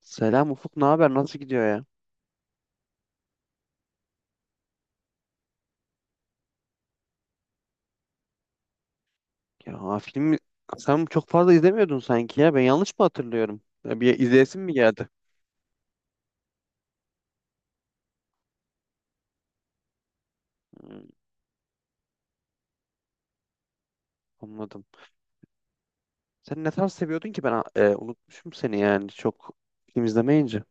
Selam Ufuk, ne haber? Nasıl gidiyor ya? Ya ha, filmi sen çok fazla izlemiyordun sanki ya. Ben yanlış mı hatırlıyorum? Ya bir izleyesin mi geldi? Hmm, anladım. Sen ne tarz seviyordun ki ben unutmuşum seni yani çok film izlemeyince.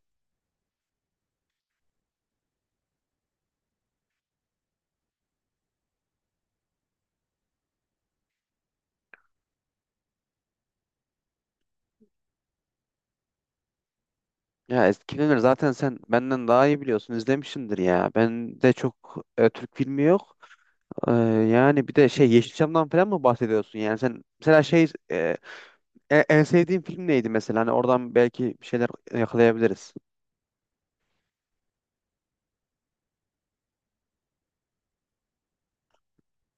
Ya eskileri zaten sen benden daha iyi biliyorsun izlemişsindir ya. Ben de çok Türk filmi yok. E, Yani bir de şey Yeşilçam'dan falan mı bahsediyorsun? Yani sen mesela şey en sevdiğin film neydi mesela? Hani oradan belki bir şeyler yakalayabiliriz.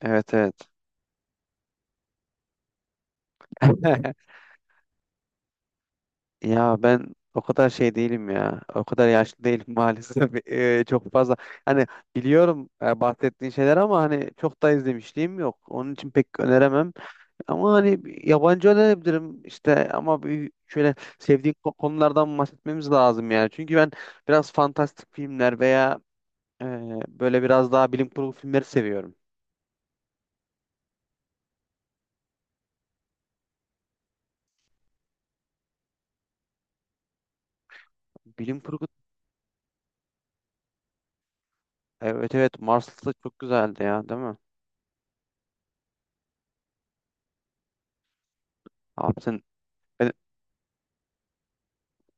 Evet evet. Ya ben o kadar şey değilim ya. O kadar yaşlı değilim maalesef. Çok fazla. Hani biliyorum bahsettiğin şeyler ama hani çok da izlemişliğim yok. Onun için pek öneremem. Ama hani bir yabancı önerebilirim işte ama bir şöyle sevdiğin konulardan bahsetmemiz lazım yani. Çünkü ben biraz fantastik filmler veya e, böyle biraz daha bilim kurgu filmleri seviyorum. Bilim kurgu evet evet, Mars'ta çok güzeldi ya değil mi? Abi sen.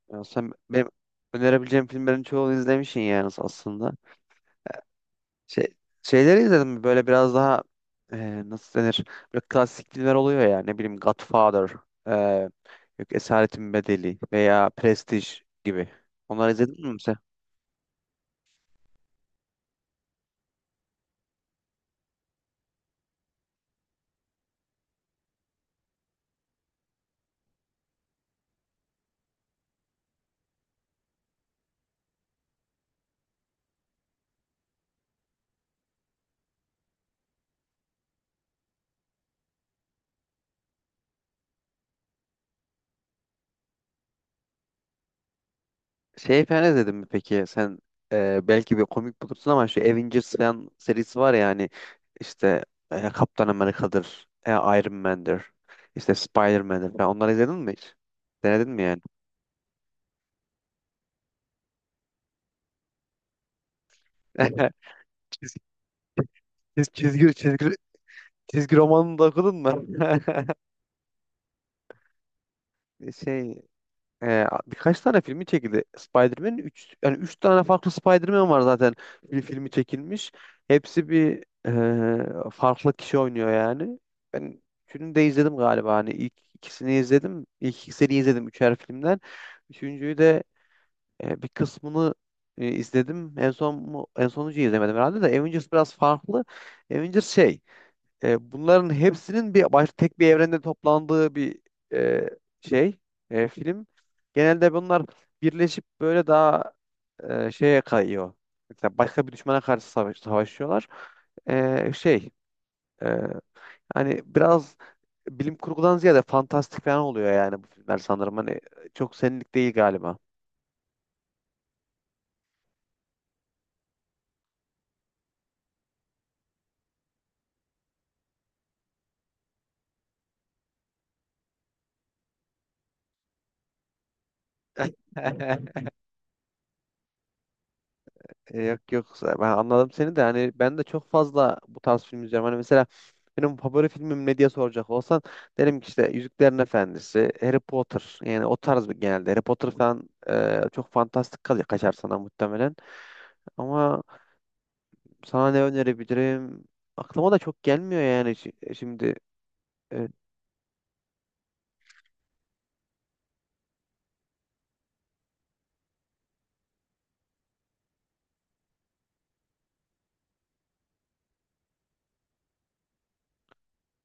Ya sen benim önerebileceğim filmlerin çoğunu izlemişsin yani aslında. Şey, şeyleri izledim mi? Böyle biraz daha nasıl denir? Böyle klasik filmler oluyor ya ne bileyim Godfather, e, yok, Esaretin Bedeli veya Prestige gibi. Onları izledin mi sen? Şey falan izledin mi peki? Sen belki bir komik bulursun ama şu Avengers falan serisi var ya hani işte Kaptan Amerika'dır, Iron Man'dir, işte Spider-Man'dir falan. Onları izledin mi hiç? Denedin mi yani? Çiz- Çizgi, çizgi, çizgi romanını da okudun mu? Şey, birkaç tane filmi çekildi. Spider-Man 3, yani üç tane farklı Spider-Man var zaten, bir filmi çekilmiş. Hepsi bir farklı kişi oynuyor yani. Ben üçünü de izledim galiba. Hani ilk ikisini izledim. İlk ikisini izledim üçer filmden. Üçüncüyü de bir kısmını izledim. En son en sonuncuyu izlemedim herhalde de Avengers biraz farklı. Avengers şey, bunların hepsinin bir baş, tek bir evrende toplandığı bir e, şey film. Genelde bunlar birleşip böyle daha şeye kayıyor. Mesela başka bir düşmana karşı savaşıyorlar. E, şey e, hani biraz bilim kurgudan ziyade fantastik falan oluyor yani bu filmler sanırım. Hani çok senlik değil galiba. Yok yok, ben anladım seni de hani ben de çok fazla bu tarz film izliyorum. Hani mesela benim favori filmim ne diye soracak olsan derim ki işte Yüzüklerin Efendisi, Harry Potter, yani o tarz bir genelde. Harry Potter falan çok fantastik kalıyor, kaçar sana muhtemelen. Ama sana ne önerebilirim? Aklıma da çok gelmiyor yani şimdi. E,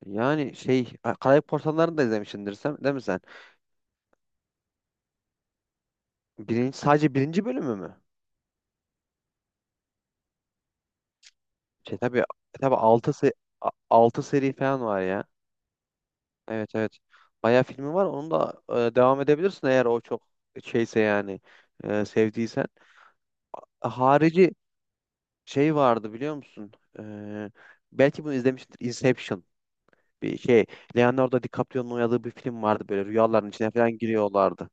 Yani şey, Karayip Korsanları'nı da izlemişsindir sen değil mi sen? Birinci, sadece birinci bölümü mü? Şey tabii tabii 6 6 seri falan var ya. Evet evet. Bayağı filmi var. Onu da devam edebilirsin eğer o çok şeyse yani sevdiysen. Harici şey vardı biliyor musun? E, Belki bunu izlemiştir. Inception. Bir şey. Leonardo DiCaprio'nun oynadığı bir film vardı, böyle rüyaların içine falan giriyorlardı.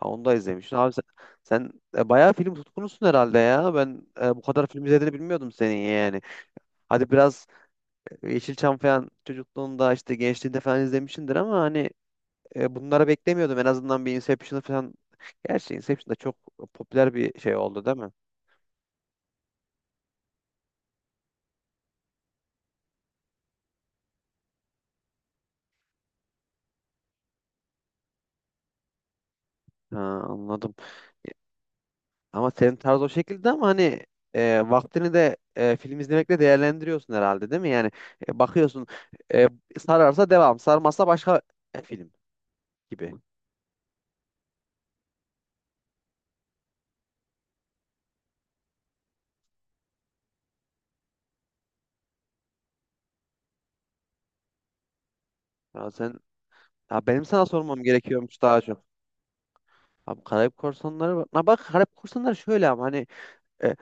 Ha, onu da izlemişsin. Abi sen, sen bayağı film tutkunusun herhalde ya. Ben bu kadar film izlediğini bilmiyordum senin yani. Hadi biraz Yeşilçam falan çocukluğunda işte gençliğinde falan izlemişsindir ama hani bunları beklemiyordum. En azından bir Inception falan. Gerçi Inception da çok popüler bir şey oldu değil mi? Ha, anladım. Ama senin tarz o şekilde ama hani vaktini de film izlemekle değerlendiriyorsun herhalde değil mi? Yani bakıyorsun, e, sararsa devam, sarmazsa başka film gibi. Ya sen, ya benim sana sormam gerekiyormuş daha çok. Abi Karayip Korsanları bak. Ha bak, Karayip Korsanları şöyle ama hani e,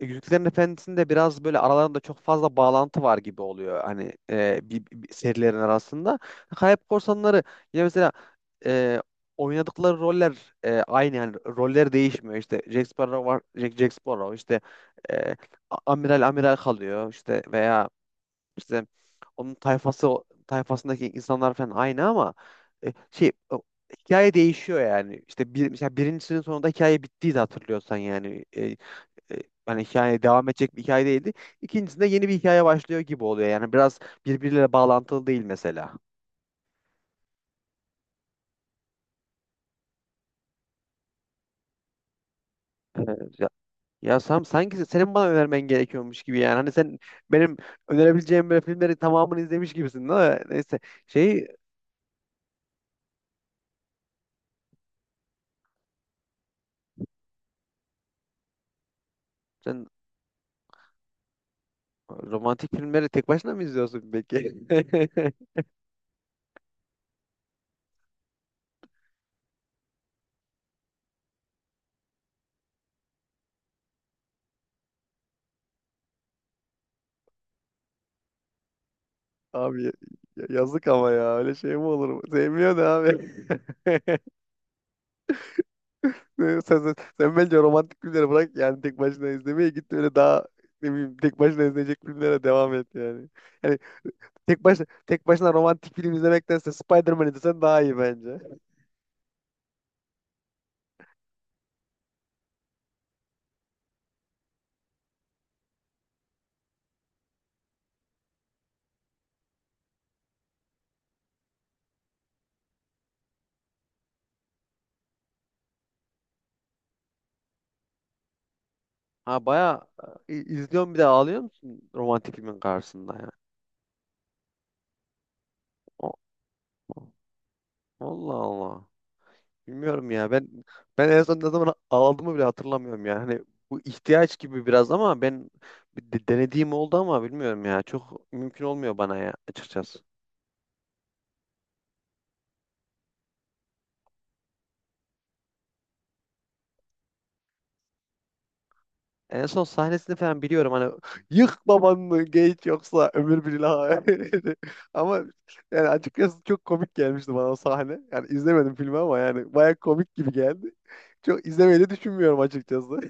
Yüzüklerin Efendisi'nde biraz böyle aralarında çok fazla bağlantı var gibi oluyor hani bir serilerin arasında. Kayıp Korsanları yine mesela e, oynadıkları roller aynı yani roller değişmiyor. İşte Jack Sparrow var, Jack Sparrow işte e, amiral kalıyor işte veya işte onun tayfasındaki insanlar falan aynı ama e, şey o- hikaye değişiyor yani. İşte mesela birincisinin sonunda hikaye bittiği de hatırlıyorsan yani. E, Hani hikaye devam edecek bir hikaye değildi. İkincisinde yeni bir hikaye başlıyor gibi oluyor. Yani biraz birbiriyle bağlantılı değil mesela. Evet, ya, ya Sam, sanki senin bana önermen gerekiyormuş gibi yani. Hani sen benim önerebileceğim böyle filmleri tamamını izlemiş gibisin değil mi? Neyse, şey, sen romantik filmleri tek başına mı izliyorsun peki? Abi yazık ama ya, öyle şey mi olur? Sevmiyor da abi. Sen, sen, sen bence romantik filmleri bırak yani tek başına izlemeye git, öyle daha ne bileyim tek başına izleyecek filmlere devam et yani. Yani tek başına romantik film izlemektense Spider-Man izlesen daha iyi bence. Ha bayağı izliyorsun, bir de ağlıyor musun romantik filmin karşısında yani? O, Allah Allah. Bilmiyorum ya, ben en son ne zaman ağladığımı bile hatırlamıyorum yani. Hani bu ihtiyaç gibi biraz ama ben bir denediğim oldu ama bilmiyorum ya, çok mümkün olmuyor bana ya açıkçası. En son sahnesini falan biliyorum, hani yık babanı geç yoksa ömür billah. Ama yani açıkçası çok komik gelmişti bana o sahne. Yani izlemedim filmi ama yani baya komik gibi geldi. Çok izlemeyi de düşünmüyorum açıkçası.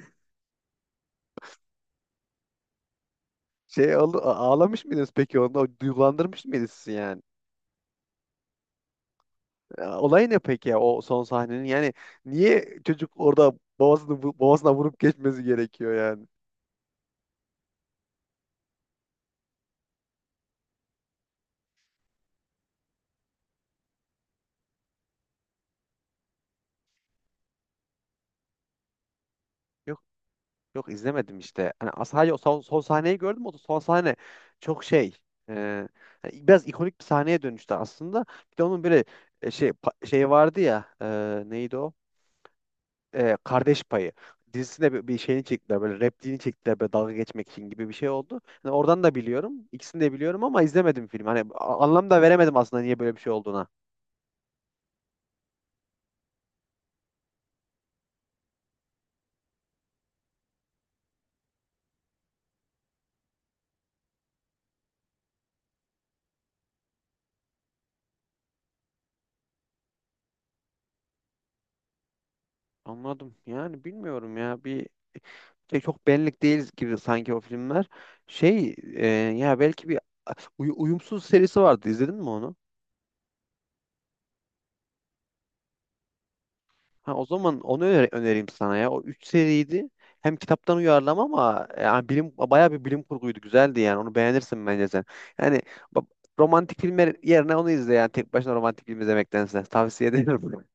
Şey oldu, ağlamış mıydınız peki onda? O, duygulandırmış mıydınız sizi yani? Ya, olay ne peki ya o son sahnenin? Yani niye çocuk orada babasına vurup geçmesi gerekiyor yani? Yok, izlemedim işte. Hani sadece o son sahneyi gördüm. O da son sahne çok şey. e, Hani biraz ikonik bir sahneye dönüştü aslında. Bir de onun böyle şey vardı ya. Neydi o? E, Kardeş Payı dizisinde bir şeyini çektiler. Böyle repliğini çektiler. Böyle dalga geçmek için gibi bir şey oldu. Hani oradan da biliyorum. İkisini de biliyorum ama izlemedim filmi. Hani anlam da veremedim aslında niye böyle bir şey olduğuna. Anladım. Yani bilmiyorum ya. Çok benlik değil gibi sanki o filmler. Ya belki bir uyumsuz serisi vardı. İzledin mi onu? Ha, o zaman onu önereyim sana ya. O 3 seriydi. Hem kitaptan uyarlama ama yani bayağı bir bilim kurguydu. Güzeldi yani. Onu beğenirsin bence sen. Yani ba- romantik filmler yerine onu izle, yani tek başına romantik film izlemektense tavsiye ederim.